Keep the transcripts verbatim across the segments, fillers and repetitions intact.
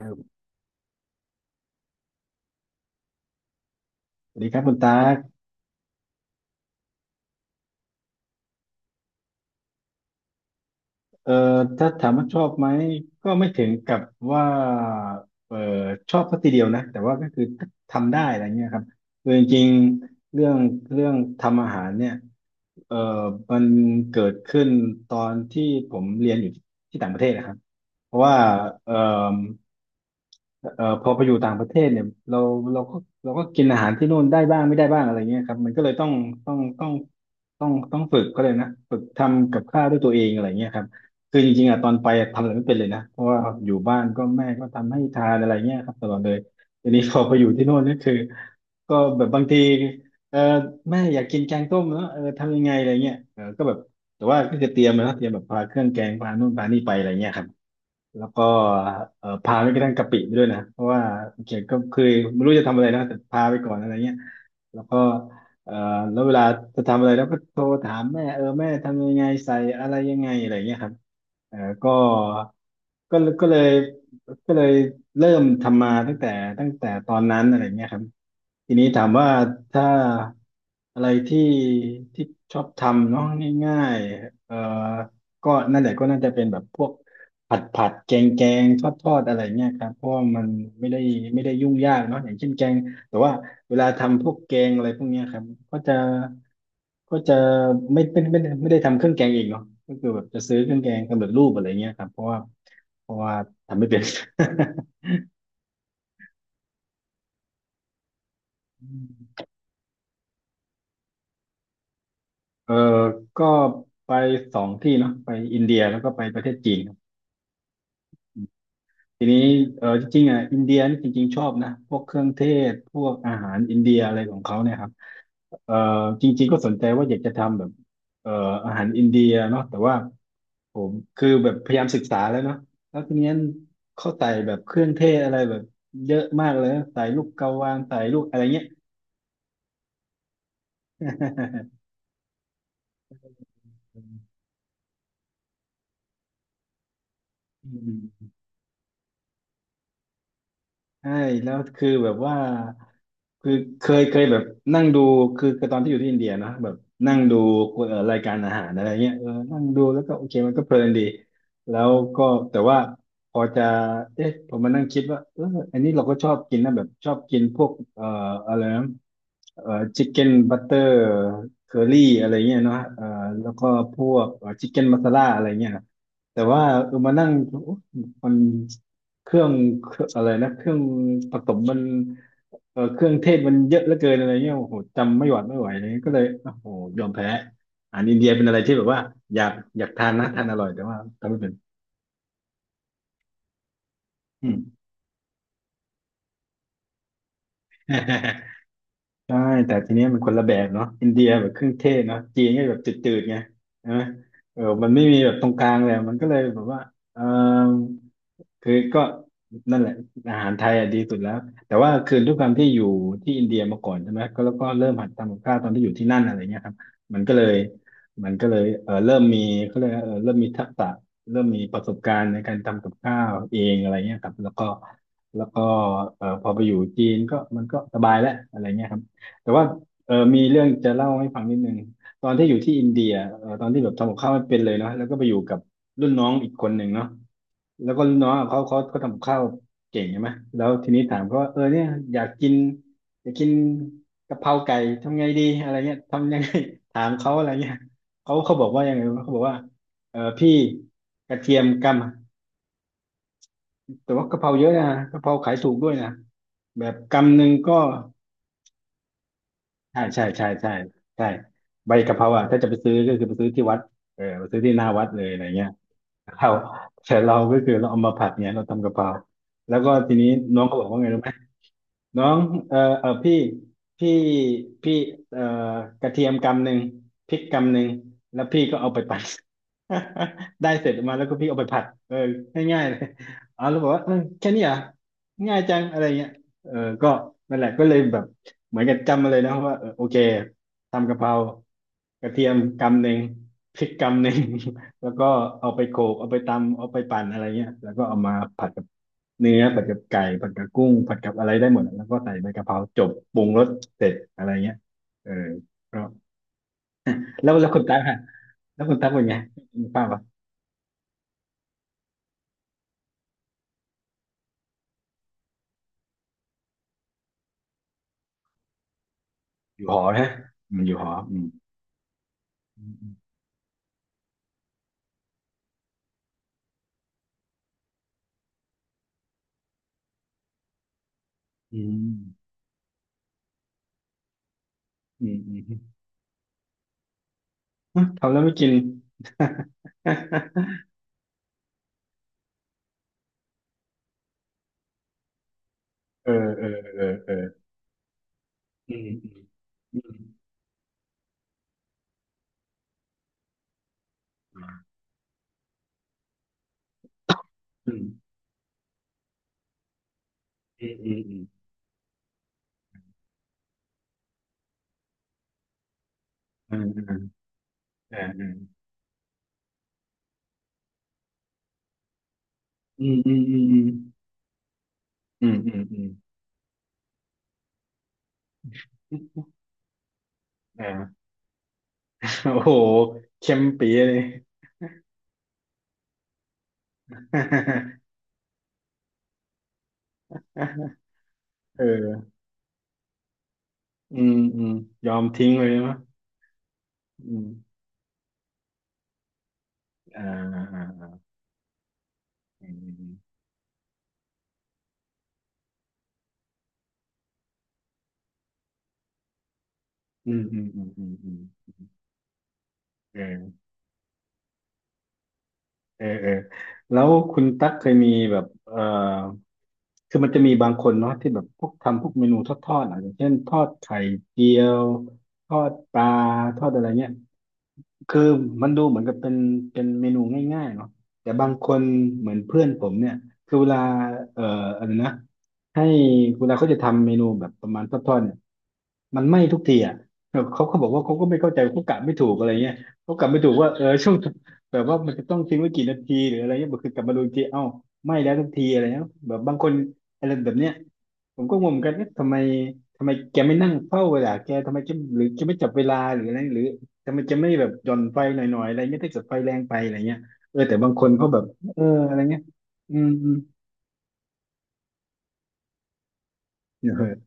ครับสวัสดีครับคุณตาก เอ่อถ้าถามว่าชอบไหมก็ไม่ถึงกับว่าเอ่อชอบสักทีเดียวนะแต่ว่าก็คือทำได้อะไรเงี้ยครับคือจริงๆเรื่องเรื่องทำอาหารเนี่ยเอ่อมันเกิดขึ้นตอนที่ผมเรียนอยู่ที่ต่างประเทศนะครับเพราะว่าเอ่อเอ่อพอไปอยู่ต่างประเทศเนี่ยเราเราก็เราก็กินอาหารที่นู่นได้บ้างไม่ได้บ้างอะไรเงี้ยครับมันก็เลยต้องต้องต้องต้องต้องฝึกก็เลยนะฝึกทำกับข้าวด้วยตัวเองอะไรเงี้ยครับ คือจริงๆอ่ะตอนไปอะทำอะไรไม่เป็นเลยนะเพราะว่าอยู่บ้านก็แม่ก็ทำให้ทานอะไรเงี้ยครับตลอดเลยทีนี้พอไปอยู่ที่โน่นนี่คือก็แบบบางทีเออแม่อยากกินแกงต้มเนอะเออทำยังไงอะไรเงี้ยเออก็แบบแต่ว่าก็จะเตรียมนะเตรียมแบบพาเครื่องแกงพานู่นพานี่ไปอะไรเงี้ยครับ แล้วก็เอ่อพาไปกระทั่งกะปิไปด้วยนะเพราะว่าเกียรติก็เคยไม่รู้จะทำอะไรนะแต่พาไปก่อนอะไรเงี้ยแล้วก็เอ่อแล้วเวลาจะทำอะไรแล้วก็โทรถามแม่เออแม่ทำยังไงใส่อะไรยังไงอะไรเงี้ยครับเออก็ก็ก็เลยก็เลยเริ่มทำมาตั้งแต่ตั้งแต่ตอนนั้นอะไรเงี้ยครับทีนี้ถามว่าถ้าอะไรที่ที่ชอบทำเนาะง่ายๆเอ่อก็นั่นแหละก็น่าจะเป็นแบบพวก ผัดผัดแกงแกงทอดทอดอะไรเงี้ยครับเพราะว่ามันไม่ได้ไม่ได้ยุ่งยากเนาะอย่างเช่นแกงแต่ว่าเวลาทำพวกแกงอะไรพวกเนี้ยครับก็จะก็จะไม่เป็นไม่ไม่ได้ทำเครื่องแกงเองเนาะก็คือแบบจะซื้อเครื่องแกงสำเร็จรูปอะไรเงี้ยครับเพราะว่าเพราะว่าทำไม่เป็น เออก็ไปสองที่เนาะไปอินเดียแล้วก็ไปประเทศจีนครับ ทีนี้เออจริงๆอ่ะอินเดียนี่จริงๆชอบนะพวกเครื่องเทศพวกอาหารอินเดียอะไรของเขาเนี่ยครับเออจริงๆก็สนใจว่าอยากจะทำแบบเอออาหารอินเดียเนาะแต่ว่าผมคือแบบพยายามศึกษาแล้วเนาะแล้วทีนี้เขาใส่แบบเครื่องเทศอะไรแบบเยอะมากเลยนะใส่ลูกกระวานใส่ลูกอะไรเงี้ย อืม ใช่แล้วคือแบบว่าคือเคยเคยแบบนั่งดูคือคือตอนที่อยู่ที่อินเดียนะแบบนั่งดูเอ่อรายการอาหารอะไรเงี้ยเออนั่งดูแล้วก็โอเคมันก็เพลินดีแล้วก็แต่ว่าพอจะเอ๊ะผมมานั่งคิดว่าเอออันนี้เราก็ชอบกินนะแบบชอบกินพวกเอ่ออะไรนะเอ่อชิคเก้นบัตเตอร์เคอรี่อะไรเงี้ยเนาะเอ่อแล้วก็พวกชิคเก้นมัสซาลาอะไรเงี้ยแต่ว่าเออมานั่งโอ๊ะมัน เครื่องเครื่องอะไรนะเครื่องผสมมันเออเครื่องเทศมันเยอะเหลือเกินอะไรเงี้ยโอ้โหจำไม่หวัดไม่ไหวเลยก็เลยโอ้โหยอมแพ้อาหารอินเดียเป็นอะไรที่แบบว่าอยากอยากทานนะทานอร่อยแต่ว่าทำไม่เป็นอืม ใช่แต่ทีเนี้ยมันคนละแบบเนาะอินเดียแบบเครื่องเทศเนาะจีนก็แบบจืดๆไงใช่ไหมเออมันไม่มีแบบตรงกลางเลยมันก็เลยแบบว่าเออ คือก็นั่นแหละอาหารไทยอ่ะดีสุดแล้วแต่ว่าคือด้วยความที่อยู่ที่อินเดียมาก่อนใช่ไหมก็แล้วก็เริ่มหัดทำกับข้าวตอนที่อยู่ที่นั่นอะไรเงี้ยครับมันก็เลยมันก็เลยเออเริ่มมีเขาเรียกว่าเออเริ่มมีทักษะเริ่มมีประสบการณ์ในการทำกับข้าวเองอะไรเงี้ยครับแล้วก็แล้วก็เออพอไปอยู่จีนก็มันก็สบายแล้วอะไรเงี้ยครับแต่ว่าเออมีเรื่องจะเล่าให้ฟังนิดนึงตอนที่อยู่ที่อินเดียเออตอนที่แบบทำกับข้าวไม่เป็นเลยเนาะแล้วก็ไปอยู่กับรุ่นน้องอีกคนหนึ่งเนาะ แล้วก็รุ่นน้องอะเขาเขาเขาทำกับข้าวเก่งใช่ไหมแล้วทีนี้ถามเขาว่าเออเนี่ยอยากกินอยากกินกะเพราไก่ทำไงดีอะไรเงี้ยทำยังไง ถามเขาอะไรเงี้ยเขาเขาบอกว่ายังไงวะเขาบอกว่าเออพี่กระเทียมกำแต่ว่ากะเพราเยอะนะกะเพราขายถูกด้วยนะแบบกำหนึ่งก็ใช่ใช่ใช่ใช่ใช่ใบกะเพราอ่ะถ้าจะไปซื้อก็คือไปซื้อที่วัดเออไปซื้อที่หน้าวัดเลยอะไรเงี้ย ครับ แต่เราก็คือเราเอามาผัดเนี่ยเราทำกะเพราแล้วก็ทีนี้น้องเขาบอกว่าไงรู้ไหม น้องเออเออพี่พี่พี่เออกระเทียมกำหนึ่งพริกกำหนึ่งแล้วพี่ก็เอาไปปั่น ได้เสร็จมาแล้วก็พี่เอาไปผัดเออง่ายๆเลยอ๋อแล้วบอกว่าเออแค่นี้เหรอ่ะง่ายจังอะไรเงี้ยเออก็นั่นแหละก็เลยแบบเหมือนกับจำมาเลยนะว่าเออโอเคทำกะเพรากระเทียมกำหนึ่งพริกกำหนึ่ง แล้วก็เอาไปโขลกเอาไปตำเอาไปปั่นอะไรเงี้ยแล้วก็เอามาผัดกับ เอออืมอืมยอมทิ้งเลยใช่ไหมั้ยอืมอ่าอ่าอ่าอาอืมอืมอืมอืมอืมอืมเออเออ เออ แล้วคุณตั๊กเคยมีแบบ เออคือมันจะมีบางคนเนาะที่แบบพวกทำพวกเมนูทอดๆอ่ะอย่างเช่นทอดไข่เจียว ทอดปลาทอดอะไรเงี้ย คือมันดูเหมือนกับเป็นเป็นเมนูง่ายๆเนาะแต่บางคนเหมือนเพื่อนผมเนี่ยคือเวลาเอ่ออะไรนะให้เวลาเขาจะทำเมนูแบบประมาณทอดๆเนี่ยมันไหม้ทุกทีอ่ะเขาเขาบอกว่าเขาก็ไม่เข้าใจเขากะไม่ถูกอะไรเงี้ยเขากะไม่ถูกว่าเออช่วงแบบว่ามันจะต้องทิ้งไว้กี่นาทีหรืออะไรเงี้ยบอกคือกลับมาดูอีกทีเอ้าไหม้แล้วทุกทีอะไรเงี้ยแบบบางคนอะไรแบบเนี้ย ผมก็งงเหมือนกันเอ๊ะทำไมทำไมแกไม่นั่งเฝ้าเวลาแกทำไมแกหรือแกไม่จับเวลาหรืออะไรหรือทำไมแกไม่แบบหย่อนไฟหน่อยๆอะไรไม่ไดถ้าเดไฟแรงไปอะไรเงี้ยเออแต่บางคนเขาแบบ เอออะไรเงี้ยอืมอืมเออ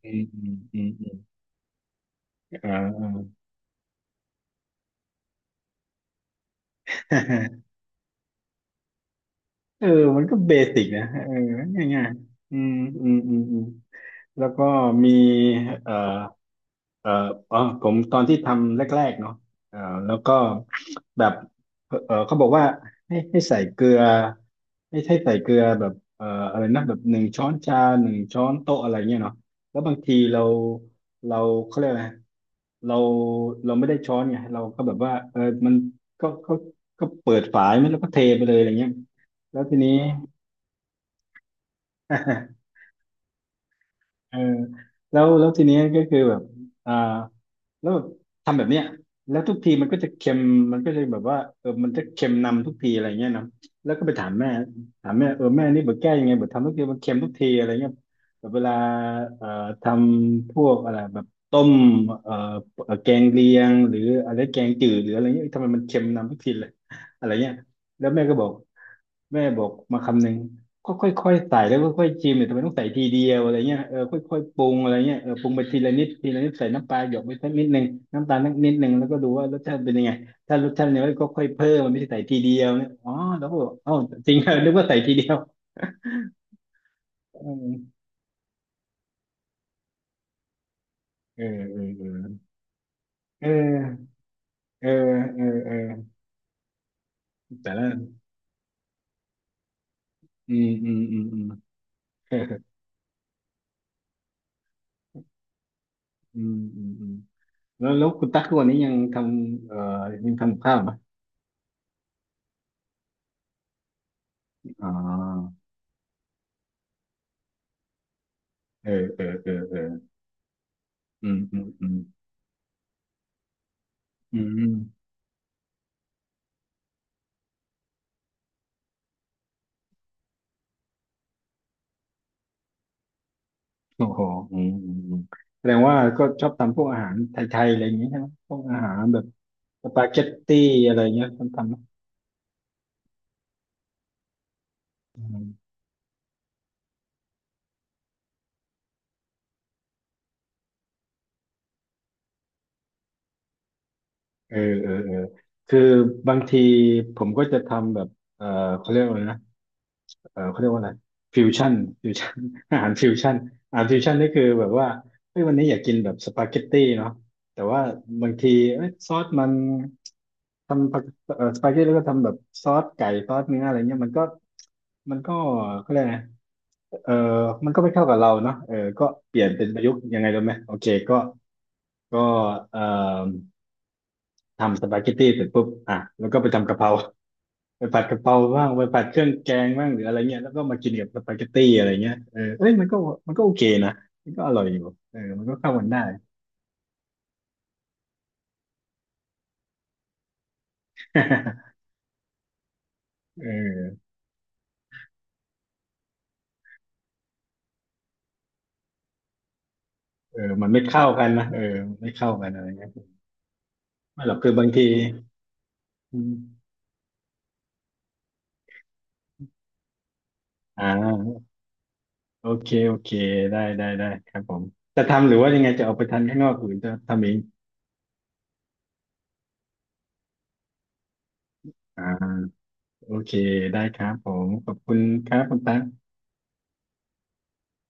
เอออืมอืมอืมอืมอ่าอ่า เออมันก็เบสิกนะเออง่ายๆอืมอืมอืมอืมแล้วก็มีเอ่อเอ่ออ๋อผมตอนที่ทำแรกๆเนาะเอ่อแล้วก็ แบบเออเขาบอกว่าให้ให้ใส่เกลือให้ให้ใส่เกลือแบบเอออะไรนะแบบหนึ่งช้อนชาหนึ่งช้อนโต๊ะอะไรเงี้ยเนาะแล้วบางทีเราเราเขาเรียกอะไรเราเราไม่ได้ช้อนไงเราก็แบบว่าเออมันก็ก็ก็เปิดฝาไม่แล้วก็เทไปเลยอะไรเงี้ยแล้วทีนี้ เออแล้วแล้วทีนี้ก็คือแบบอ่า แล้วแบบทำแบบเนี้ยแล้วทุกทีมันก็จะเค็มมันก็จะแบบว่าเออมันจะเค็มนำทุกทีอะไรเงี้ยนะแล้วก็ไปถามแม่ถามแม่เออแม่นี่แบบแก้ยังไงแบบทำทุกทีมันเค็มทุกทีอะไรเงี้ยแบบเวลาเอ่อทำพวกอะไรแบบต้มเอ่อเอ่อแกงเลียงหรืออะไรแกงจืดหรืออะไรเงี้ยเอ้ยทำไมมันเค็มนำทุกทีเลยอะไรเงี้ยแล้วแม่ก็บอก แม่บอกมาคำหนึ่งก็ค่อยๆใส่แล้วค่อยๆชิมเนี่ยทำไมต้องใส่ทีเดียวอะไรเงี้ยเออค่อยๆปรุงอะไรเงี้ยเออปรุงไปทีละนิดทีละนิดใส่น้ำปลาหยดไปสักนิดหนึ่งน้ำตาลสักนิดหนึ่งแล้วก็ดูว่ารสชาติเป็นยังไงถ้ารสชาติเนี่ยก็ค่อยๆเพิ่มมันไม่ใช่ใส่ทีเดียวเนี่ยอ๋อแล้วก็บอกเอ้าจริงเหรอนึกว่าใส่ทีเดียวเออเออเออเออเออเออเออแต่ละอืมอืมอืมอืม เอออืมอืมอืมแล้วแล้วคุณตั๊กทุกวันนี้ยังทำเอ่อยังทำกับข้าวไหมอ๋อเออเออเออเออ อืมอืมอืมอืมโอ้โหอืมอืมอืมแสดงว่าก็ชอบทำพวกอาหารไทยๆอะไรอย่างนี้ใช่ไหมพวกอาหารแบบสปาเกตตี้อะไรเงี้ยทำทำไหมอืมเออเออเออคือบางทีผมก็จะทำแบบเออเขาเรียกว่าอะไรนะ เออเขาเรียกว่าอะไรฟิวชั่นฟิวชั่น อาหารฟิวชั่นอาหารฟิวชั่นนี่คือแบบว่าเฮ้ยวันนี้อยากกินแบบสปาเกตตี้เนาะแต่ว่าบางทีเอ้ยซอสมันทำปาเอ่อสปาเกตตี้แล้วก็ทำแบบซอสไก่ซอสเนื้ออะไรเงี้ยมันก็มันก็เขาเรียกไงเออมันก็ไม่เข้ากับเราเนาะเออก็เปลี่ยนเป็นประยุกต์ยังไงรู้ไหมโอเคก็ก็เอ่อทำสปาเกตตี้เสร็จปุ๊บอ่ะแล้วก็ไปทำกะเพรา ไปผัดกะเพราบ้างไปผัดเครื่องแกงบ้างหรืออะไรเงี้ยแล้วก็มากินกับสปาเกตตี้อะไรเงี้ยเออเอ้ยมันก็มันก็โอเคนะมันก็อร่อยอยู่เออมันก็เข้ากันได้ เออเออมันไม่เข้ากันนะเออมันไม่เข้ากันอะไรเงี้ยไม่หรอกคือบางทีอืมอ่าโอเคโอเคได้ได้ได้ครับผมจะทำหรือว่ายังไงจะเอาไปทานข้างนอกหรือจะทำเองอ่าโอเคได้ครับผมขอบคุณครับคุณตั๊ก